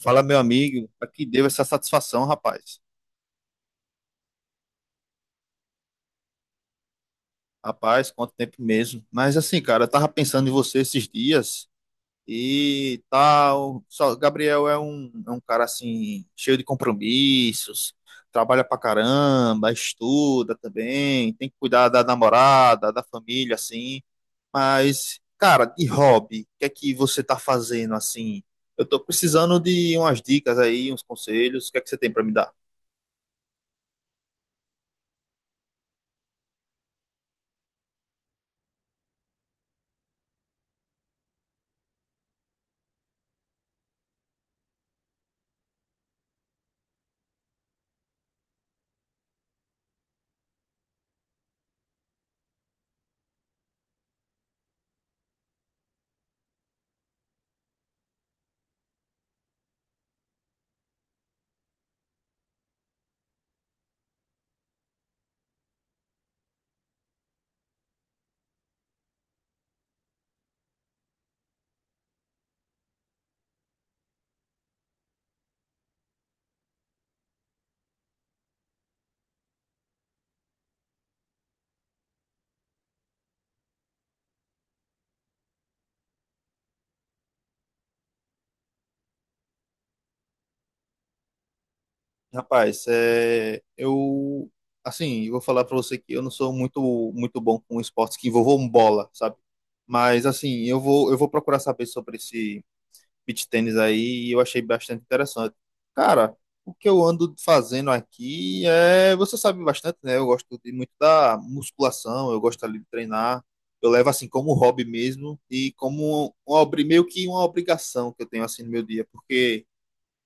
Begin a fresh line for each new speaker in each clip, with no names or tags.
Fala, meu amigo, pra que deu essa satisfação, rapaz? Rapaz, quanto tempo mesmo. Mas assim, cara, eu tava pensando em você esses dias e tal. Só, Gabriel é um cara assim, cheio de compromissos, trabalha pra caramba, estuda também, tem que cuidar da namorada, da família, assim. Mas, cara, de hobby, o que é que você tá fazendo assim? Eu tô precisando de umas dicas aí, uns conselhos. O que é que você tem pra me dar? Rapaz, é, eu, assim, eu vou falar pra você que eu não sou muito, muito bom com esportes que envolvam bola, sabe? Mas, assim, eu vou procurar saber sobre esse beach tênis aí e eu achei bastante interessante. Cara, o que eu ando fazendo aqui é, você sabe bastante, né? Eu gosto de muito da musculação, eu gosto ali de treinar. Eu levo, assim, como hobby mesmo e como meio que uma obrigação que eu tenho, assim, no meu dia, porque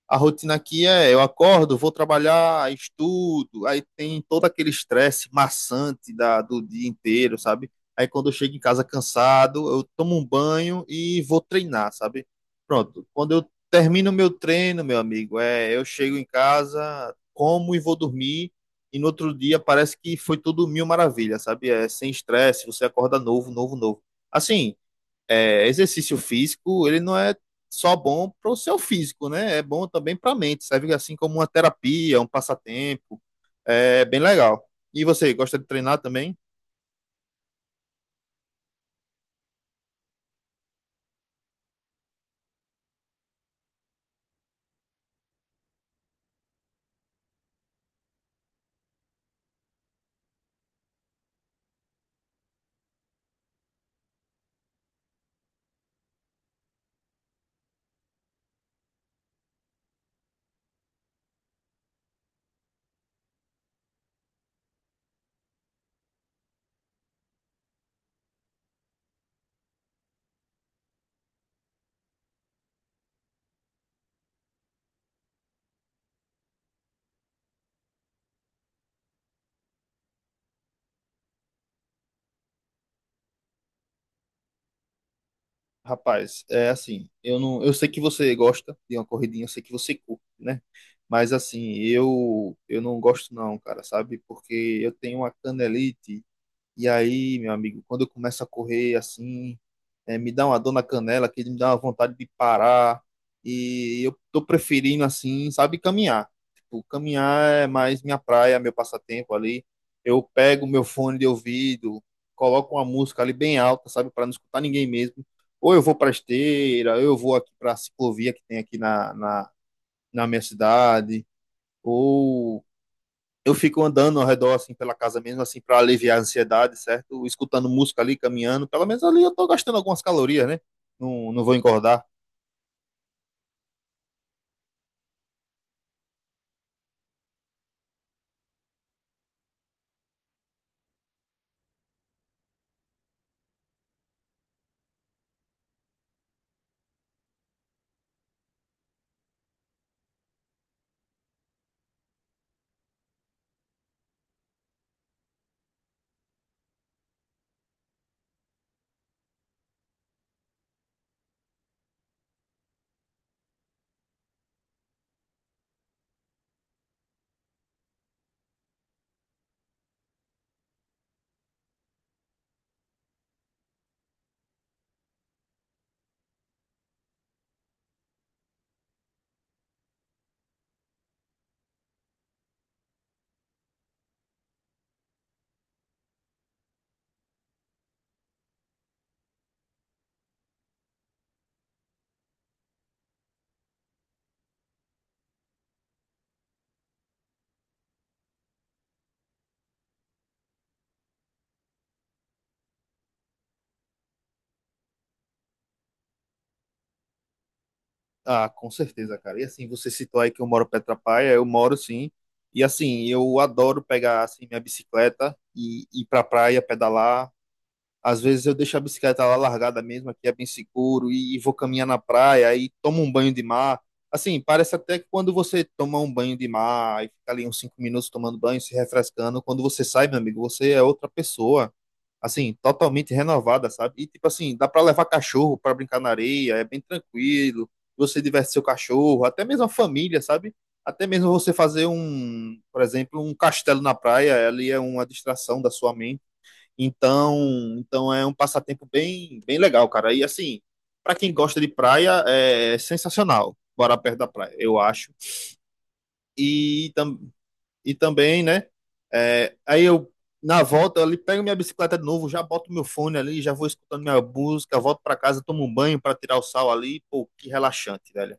a rotina aqui é, eu acordo, vou trabalhar, estudo, aí tem todo aquele estresse maçante do dia inteiro, sabe? Aí quando eu chego em casa cansado, eu tomo um banho e vou treinar, sabe? Pronto. Quando eu termino meu treino, meu amigo, é, eu chego em casa, como e vou dormir, e no outro dia parece que foi tudo mil maravilhas, sabe? É sem estresse, você acorda novo, novo, novo. Assim, é, exercício físico, ele não é só bom para o seu físico, né? É bom também para a mente, serve assim como uma terapia, um passatempo, é bem legal. E você, gosta de treinar também? Rapaz, é assim, eu não, eu sei que você gosta de uma corridinha, eu sei que você curte, né? Mas assim, eu não gosto não, cara, sabe? Porque eu tenho uma canelite. E aí, meu amigo, quando eu começo a correr assim, é, me dá uma dor na canela, que me dá uma vontade de parar. E eu tô preferindo assim, sabe, caminhar. Tipo, caminhar é mais minha praia, meu passatempo ali. Eu pego meu fone de ouvido, coloco uma música ali bem alta, sabe, para não escutar ninguém mesmo. Ou eu vou para esteira, ou eu vou aqui para a ciclovia que tem aqui na minha cidade, ou eu fico andando ao redor, assim, pela casa mesmo, assim, para aliviar a ansiedade, certo? Escutando música ali, caminhando. Pelo menos ali eu tô gastando algumas calorias, né? Não, não vou engordar. Ah, com certeza, cara. E assim, você citou aí que eu moro Petra praia eu moro sim. E assim, eu adoro pegar assim minha bicicleta e ir pra praia, pedalar. Às vezes eu deixo a bicicleta lá largada mesmo, aqui é bem seguro, e vou caminhar na praia aí tomo um banho de mar. Assim, parece até que quando você toma um banho de mar e fica ali uns 5 minutos tomando banho, se refrescando, quando você sai, meu amigo, você é outra pessoa, assim, totalmente renovada, sabe? E tipo assim, dá pra levar cachorro pra brincar na areia, é bem tranquilo, você diverte seu cachorro, até mesmo a família, sabe? Até mesmo você fazer um, por exemplo, um castelo na praia, ali é uma distração da sua mente. Então, então é um passatempo bem, bem legal, cara. E assim, para quem gosta de praia, é sensacional morar perto da praia, eu acho. E, tam, e também, né? Aí eu, na volta, eu ali pego minha bicicleta de novo, já boto meu fone ali, já vou escutando minha música, volto para casa, tomo um banho para tirar o sal ali. Pô, que relaxante, velho.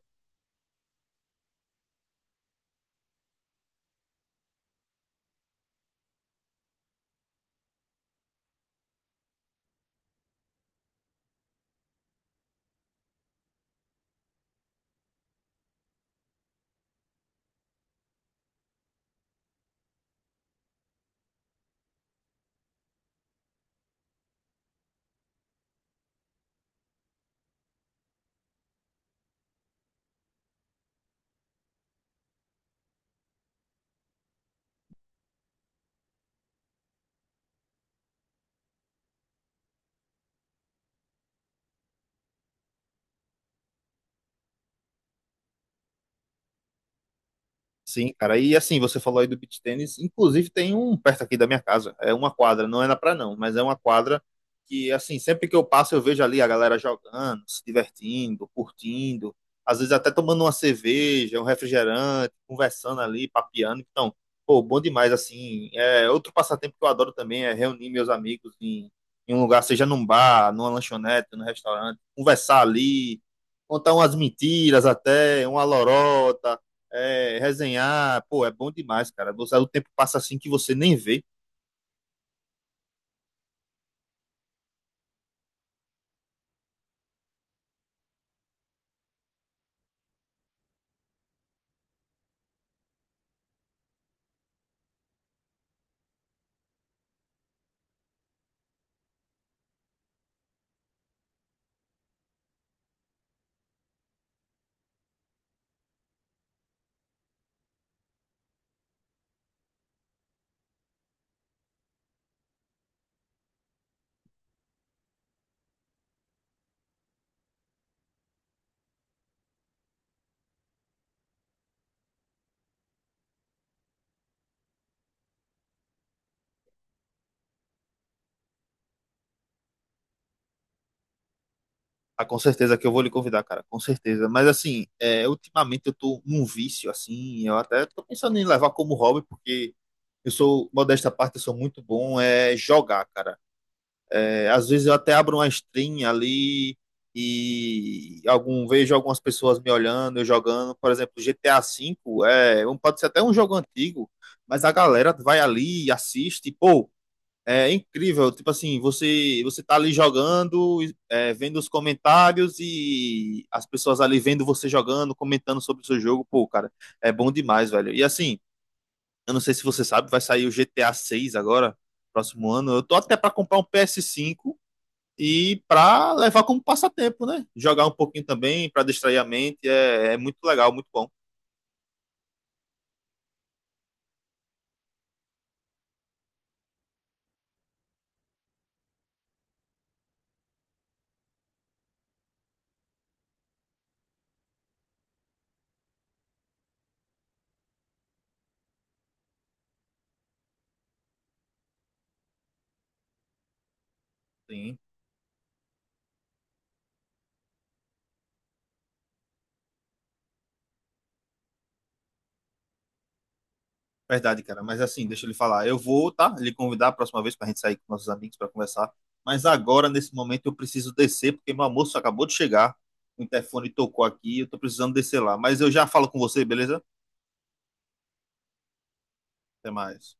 Sim, cara. E assim, você falou aí do beach tênis. Inclusive, tem um perto aqui da minha casa. É uma quadra, não é na praia, não, mas é uma quadra que, assim, sempre que eu passo, eu vejo ali a galera jogando, se divertindo, curtindo. Às vezes até tomando uma cerveja, um refrigerante, conversando ali, papeando. Então, pô, bom demais, assim. É outro passatempo que eu adoro também é reunir meus amigos em um lugar, seja num bar, numa lanchonete, num restaurante, conversar ali, contar umas mentiras até, uma lorota, resenhar, pô, é bom demais, cara. Você, o tempo passa assim que você nem vê. Ah, com certeza que eu vou lhe convidar, cara, com certeza. Mas assim, ultimamente eu tô num vício, assim, eu até tô pensando em levar como hobby, porque eu sou, modesta parte, eu sou muito bom é jogar, cara. É, às vezes eu até abro uma stream ali vejo algumas pessoas me olhando, eu jogando. Por exemplo, GTA V, pode ser até um jogo antigo, mas a galera vai ali e assiste, pô. É incrível, tipo assim, você tá ali jogando, vendo os comentários e as pessoas ali vendo você jogando, comentando sobre o seu jogo, pô, cara, é bom demais, velho. E assim, eu não sei se você sabe, vai sair o GTA 6 agora, próximo ano. Eu tô até pra comprar um PS5 e pra levar como passatempo, né? Jogar um pouquinho também, pra distrair a mente, é muito legal, muito bom. Sim. Verdade, cara. Mas assim, deixa ele falar. Eu vou, tá? Lhe convidar a próxima vez pra gente sair com nossos amigos pra conversar. Mas agora, nesse momento, eu preciso descer, porque meu almoço acabou de chegar. O interfone tocou aqui, eu tô precisando descer lá. Mas eu já falo com você, beleza? Até mais.